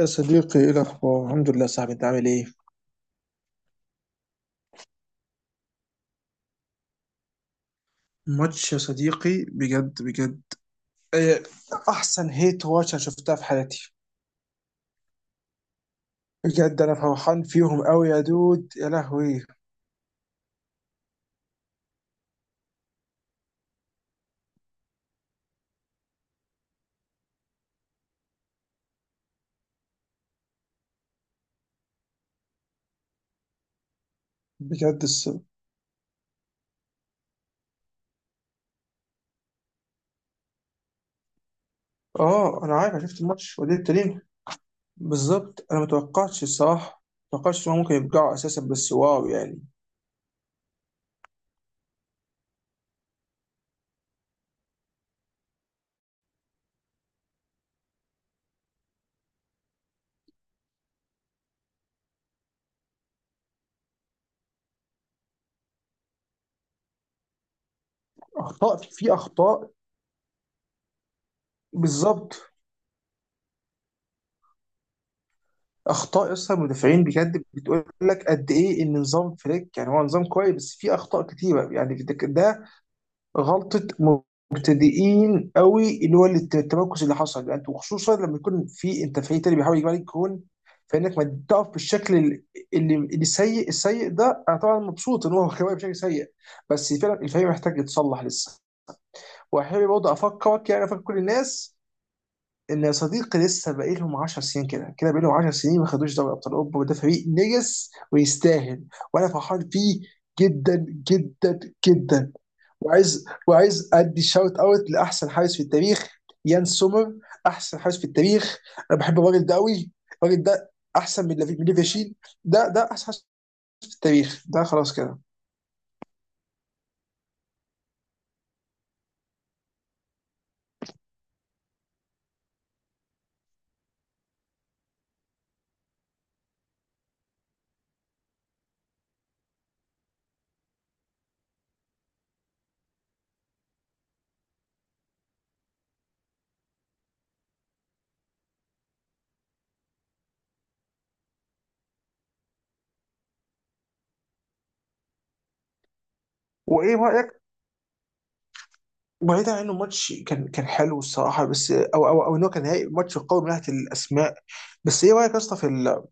يا صديقي، ايه الاخبار؟ الحمد لله يا صاحبي. انت عامل ايه؟ ماتش يا صديقي بجد بجد. إيه، احسن هيت واتش انا شفتها في حياتي. بجد انا فرحان فيهم قوي يا دود، يا لهوي. بجد الس... اه انا عارف، انا شفت الماتش وليه التانيين. بالظبط، انا متوقعتش الصراحه. متوقعتش ان هم ممكن يرجعوا اساسا، بس واو يعني. اخطاء، في اخطاء. بالظبط. اخطاء اصلا المدافعين، بجد بتقول لك قد ايه ان نظام فليك يعني هو نظام كويس، بس في اخطاء كتيره يعني. ده غلطة مبتدئين قوي، اللي هو التمركز اللي حصل، يعني انت وخصوصا لما يكون في انت فريق تاني بيحاول يجيب عليك جون، فانك ما تقف بالشكل اللي السيء ده. انا طبعا مبسوط ان هو كمان بشكل سيء، بس فعلا الفريق محتاج يتصلح لسه. واحب برضه افكرك، يعني افكر كل الناس، ان يا صديقي لسه باقي لهم 10 سنين. كده كده باقي لهم 10 سنين ما خدوش دوري ابطال اوروبا، وده فريق نجس ويستاهل. وانا فرحان فيه جدا جدا جدا. وعايز ادي شاوت اوت لاحسن حارس في التاريخ، يان سومر. احسن حارس في التاريخ. انا بحب الراجل ده قوي. الراجل ده احسن من من ليفاشيل. ده احسن حارس في التاريخ. ده خلاص كده. وايه رايك؟ بعيدا عن انه ماتش كان حلو الصراحه، بس او انه كان نهائي ماتش قوي من ناحيه الاسماء، بس ايه رايك يا اسطى في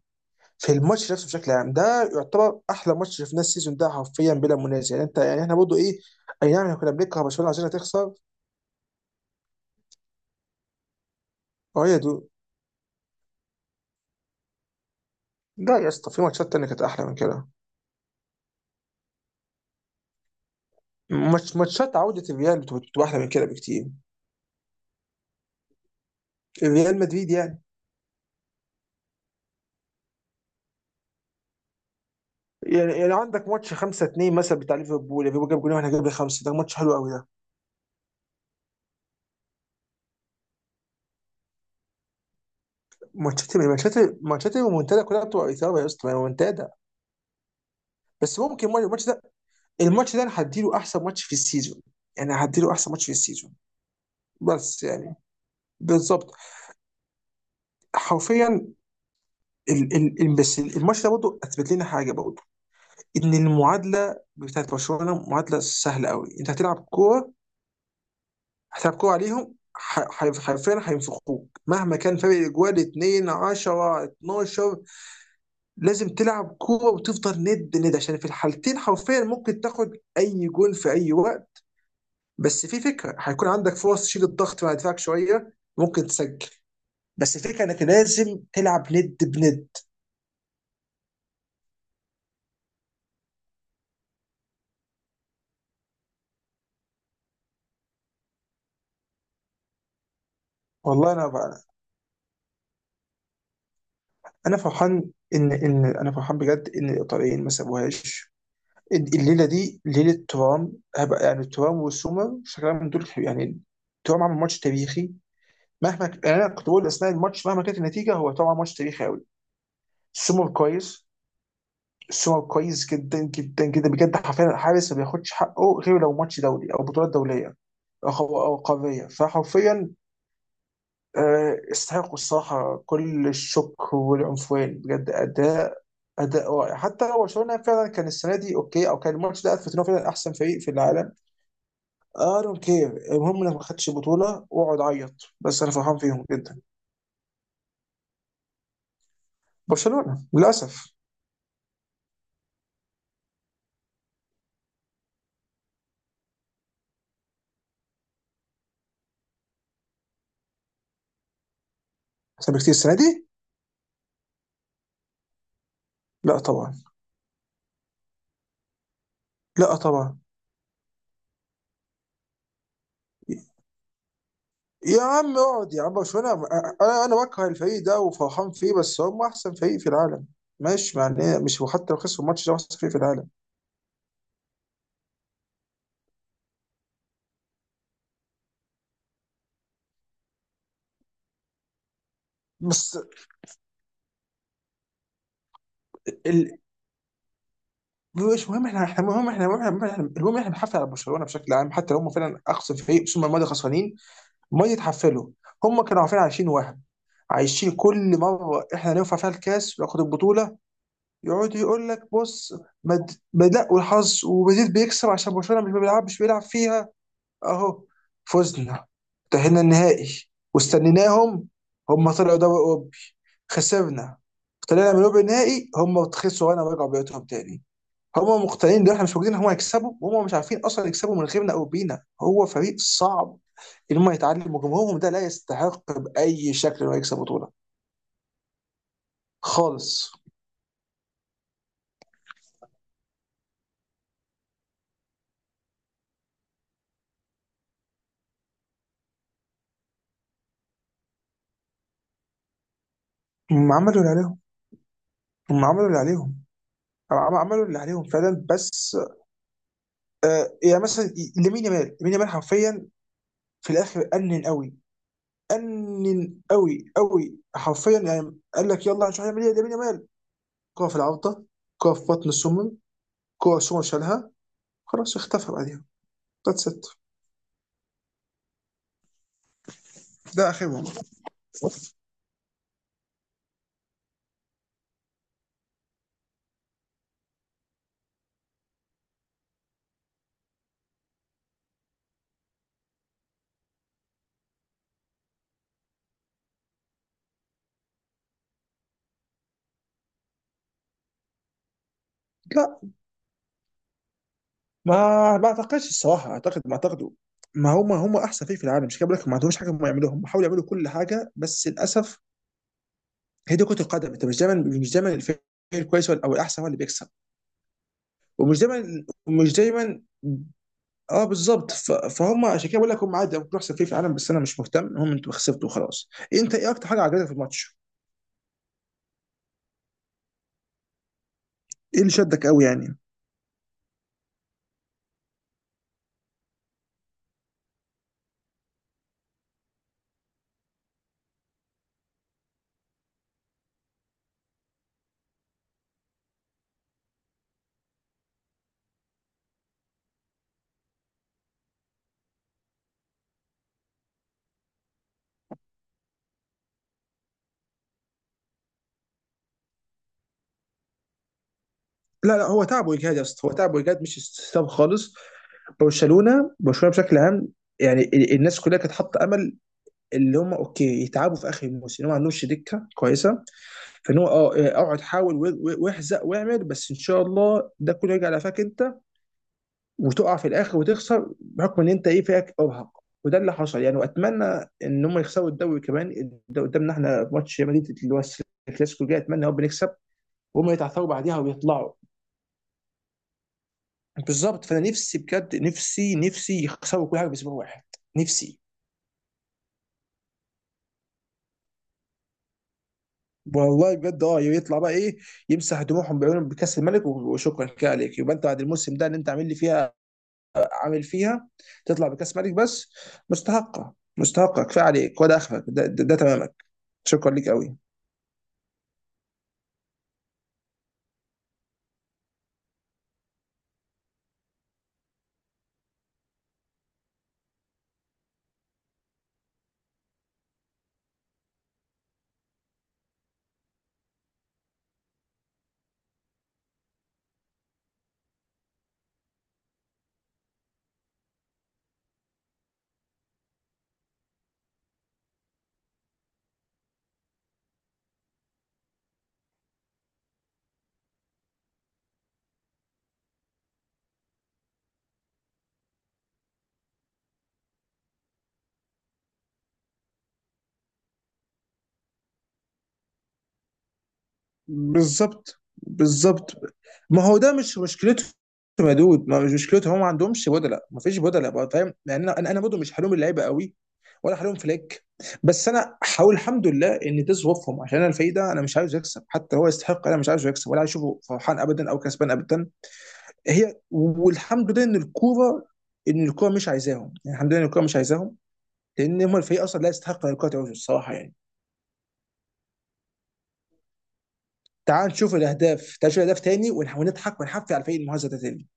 في الماتش نفسه بشكل عام؟ ده يعتبر احلى ماتش شفناه السيزون ده، حرفيا بلا منازع، يعني انت يعني احنا برضه ايه. اي نعم احنا كنا بنكره برشلونه عشان هتخسر. اه يا دود. لا يا اسطى، في ماتشات تانية كانت أحلى من كده. ماتشات عودة الريال بتبقى أحلى من كده بكتير. ريال مدريد يعني. يعني عندك ماتش 5 2 مثلا بتاع ليفربول، جاب جولين واحنا جبنا خمسة، ده ماتش حلو قوي ده. ماتشات المنتدى كلها بتبقى إثارة يا اسطى، المنتدى. بس ممكن الماتش ده أنا هديله أحسن ماتش في السيزون، يعني هديله أحسن ماتش في السيزون. بس يعني. بالظبط. حرفيا. بس الماتش ده برضه أثبت لنا حاجة برضه، ان المعادله بتاعت برشلونه معادله سهله قوي. انت هتلعب كوره، هتلعب كوره عليهم، حرفيا هينفخوك مهما كان فرق الاجوال 2 10 12. لازم تلعب كوره وتفضل ند ند، عشان في الحالتين حرفيا ممكن تاخد اي جول في اي وقت. بس في فكره هيكون عندك فرص تشيل الضغط مع دفاعك شويه، ممكن تسجل. بس الفكره انك لازم تلعب ند بند. والله انا بقى، انا فرحان ان انا فرحان بجد ان الايطاليين ما سابوهاش. الليله دي ليله ترام، هبقى يعني ترام وسومر شكلها من دول يعني. ترام عمل ماتش تاريخي. يعني انا كنت بقول اثناء الماتش مهما كانت النتيجه هو ترام عمل ماتش تاريخي قوي. سومر كويس سومر كويس جدا جدا جدا، بجد حرفيا الحارس ما بياخدش حقه غير لو ماتش دولي او بطولات دوليه أو قاريه، فحرفيا آه، يستحقوا الصراحه كل الشكر والعنفوان. بجد اداء رائع. حتى لو برشلونه فعلا كان السنه دي اوكي، او كان الماتش ده اثبت ان هو فعلا احسن فريق في العالم، اي دونت كير، المهم انك ما خدتش البطوله واقعد عيط. بس انا فرحان فيهم جدا. برشلونه للاسف. احسن بكتير السنه دي. لا طبعا. لا طبعا. يا عم اقعد يا عم، برشلونه. انا بكره الفريق ده وفرحان فيه، بس هم احسن فريق في العالم. ماشي يعني، مش وحتى لو خسروا الماتش ده هو احسن فريق في العالم. بس ال... مش مهم، احنا المهم، احنا المهم، احنا المهم، احنا بنحافظ على برشلونه بشكل عام، حتى لو هم فعلا اقصى فريق، بس هم الماضي خسرانين. ما يتحفلوا. هم كانوا عارفين عايشين، وهم عايشين كل مره احنا نرفع فيها الكاس وياخد البطوله يقعد يقول لك بص، بدأ والحظ، ومدريد بيكسب عشان برشلونه مش بيلعب، فيها. اهو، فزنا، تأهلنا النهائي، واستنيناهم. هم طلعوا دوري اوروبي. خسرنا، طلعنا من ربع النهائي، هم خسروا وانا رجعوا بيوتهم تاني. هم مقتنعين ان احنا مش موجودين، هم هيكسبوا، وهم مش عارفين اصلا يكسبوا من غيرنا او بينا، هو فريق صعب ان هم يتعلموا. جمهورهم ده لا يستحق باي شكل انه يكسب بطوله. خالص. هم عملوا اللي عليهم. هم عملوا اللي عليهم. عملوا اللي عليهم فعلا، بس آه يعني مثلا لامين يامال، لامين يامال حرفيا في الاخر انن قوي انن قوي قوي، حرفيا يعني قال لك يلا هنشوف هنعمل ايه لامين يامال. كوره في العارضه، كوره في بطن السمن، كوره سمن شالها، خلاص اختفى بعديها. ذاتس ات. ده اخرهم. لا ما اعتقدش الصراحه، اعتقد ما اعتقده. ما هم احسن فريق في العالم، مش كده بقول لك، ما عندهمش حاجه هم يعملوها، هم حاولوا يعملوا كل حاجه بس للاسف هي دي كره القدم. انت مش دايما، مش دايما الفريق الكويس او الاحسن هو اللي بيكسب. ومش دايما، ومش دايما. اه بالظبط، فهم عشان كده بقول لك هم عادي ممكن احسن فريق في العالم، بس انا مش مهتم، هم انتوا خسرتوا وخلاص. انت ايه اكتر حاجه عجبتك في الماتش؟ ايه اللي شدك قوي يعني؟ لا لا، هو تعب واجهاد يا اسطى، هو تعب واجهاد مش استسلام خالص. برشلونه بشكل عام، يعني الناس كلها كانت حاطه امل اللي هم اوكي يتعبوا في اخر الموسم، اللي هو ما عندهمش دكه كويسه، فان هو آه، اقعد حاول واحزق واعمل، بس ان شاء الله ده كله يرجع لفاك انت وتقع في الاخر وتخسر بحكم ان انت ايه فيك ارهق. وده اللي حصل يعني، واتمنى ان هم يخسروا الدوري كمان. قدامنا احنا ماتش ريال مدريد، اللي هو الكلاسيكو الجاي، اتمنى يا رب نكسب وهم يتعثروا بعديها ويطلعوا. بالظبط، فانا نفسي بجد، نفسي يخسروا كل حاجه باسبوع واحد. نفسي. والله بجد، اه يطلع بقى ايه، يمسح دموعهم بعيونهم بكاس الملك، وشكرا كده عليك، يبقى انت بعد الموسم ده اللي انت عامل لي فيها، عامل فيها تطلع بكاس ملك بس. مستحقه، كفايه عليك، وده اخرك، ده تمامك، شكرا ليك قوي. بالظبط، بالظبط. ما هو ده مش مشكلتهم يا دود، ما مش مشكلتهم، هم ما عندهمش بدلاء، ما فيش بدلاء بقى، فاهم يعني؟ انا برضه مش حلوم اللعيبه قوي، ولا حلوم فليك. بس انا حاول الحمد لله ان ده ظروفهم، عشان انا الفريق ده، انا مش عايزه يكسب حتى لو هو يستحق. انا مش عايزه يكسب، ولا عايز اشوفه فرحان ابدا او كسبان ابدا. هي والحمد لله ان الكوره مش عايزاهم، يعني الحمد لله ان الكوره مش عايزاهم، لان هم الفريق اصلا لا يستحق ان الكوره تعوز الصراحه يعني. تعال نشوف الاهداف، تاني، ونضحك ونحفي على الفريق المهزه ده تاني.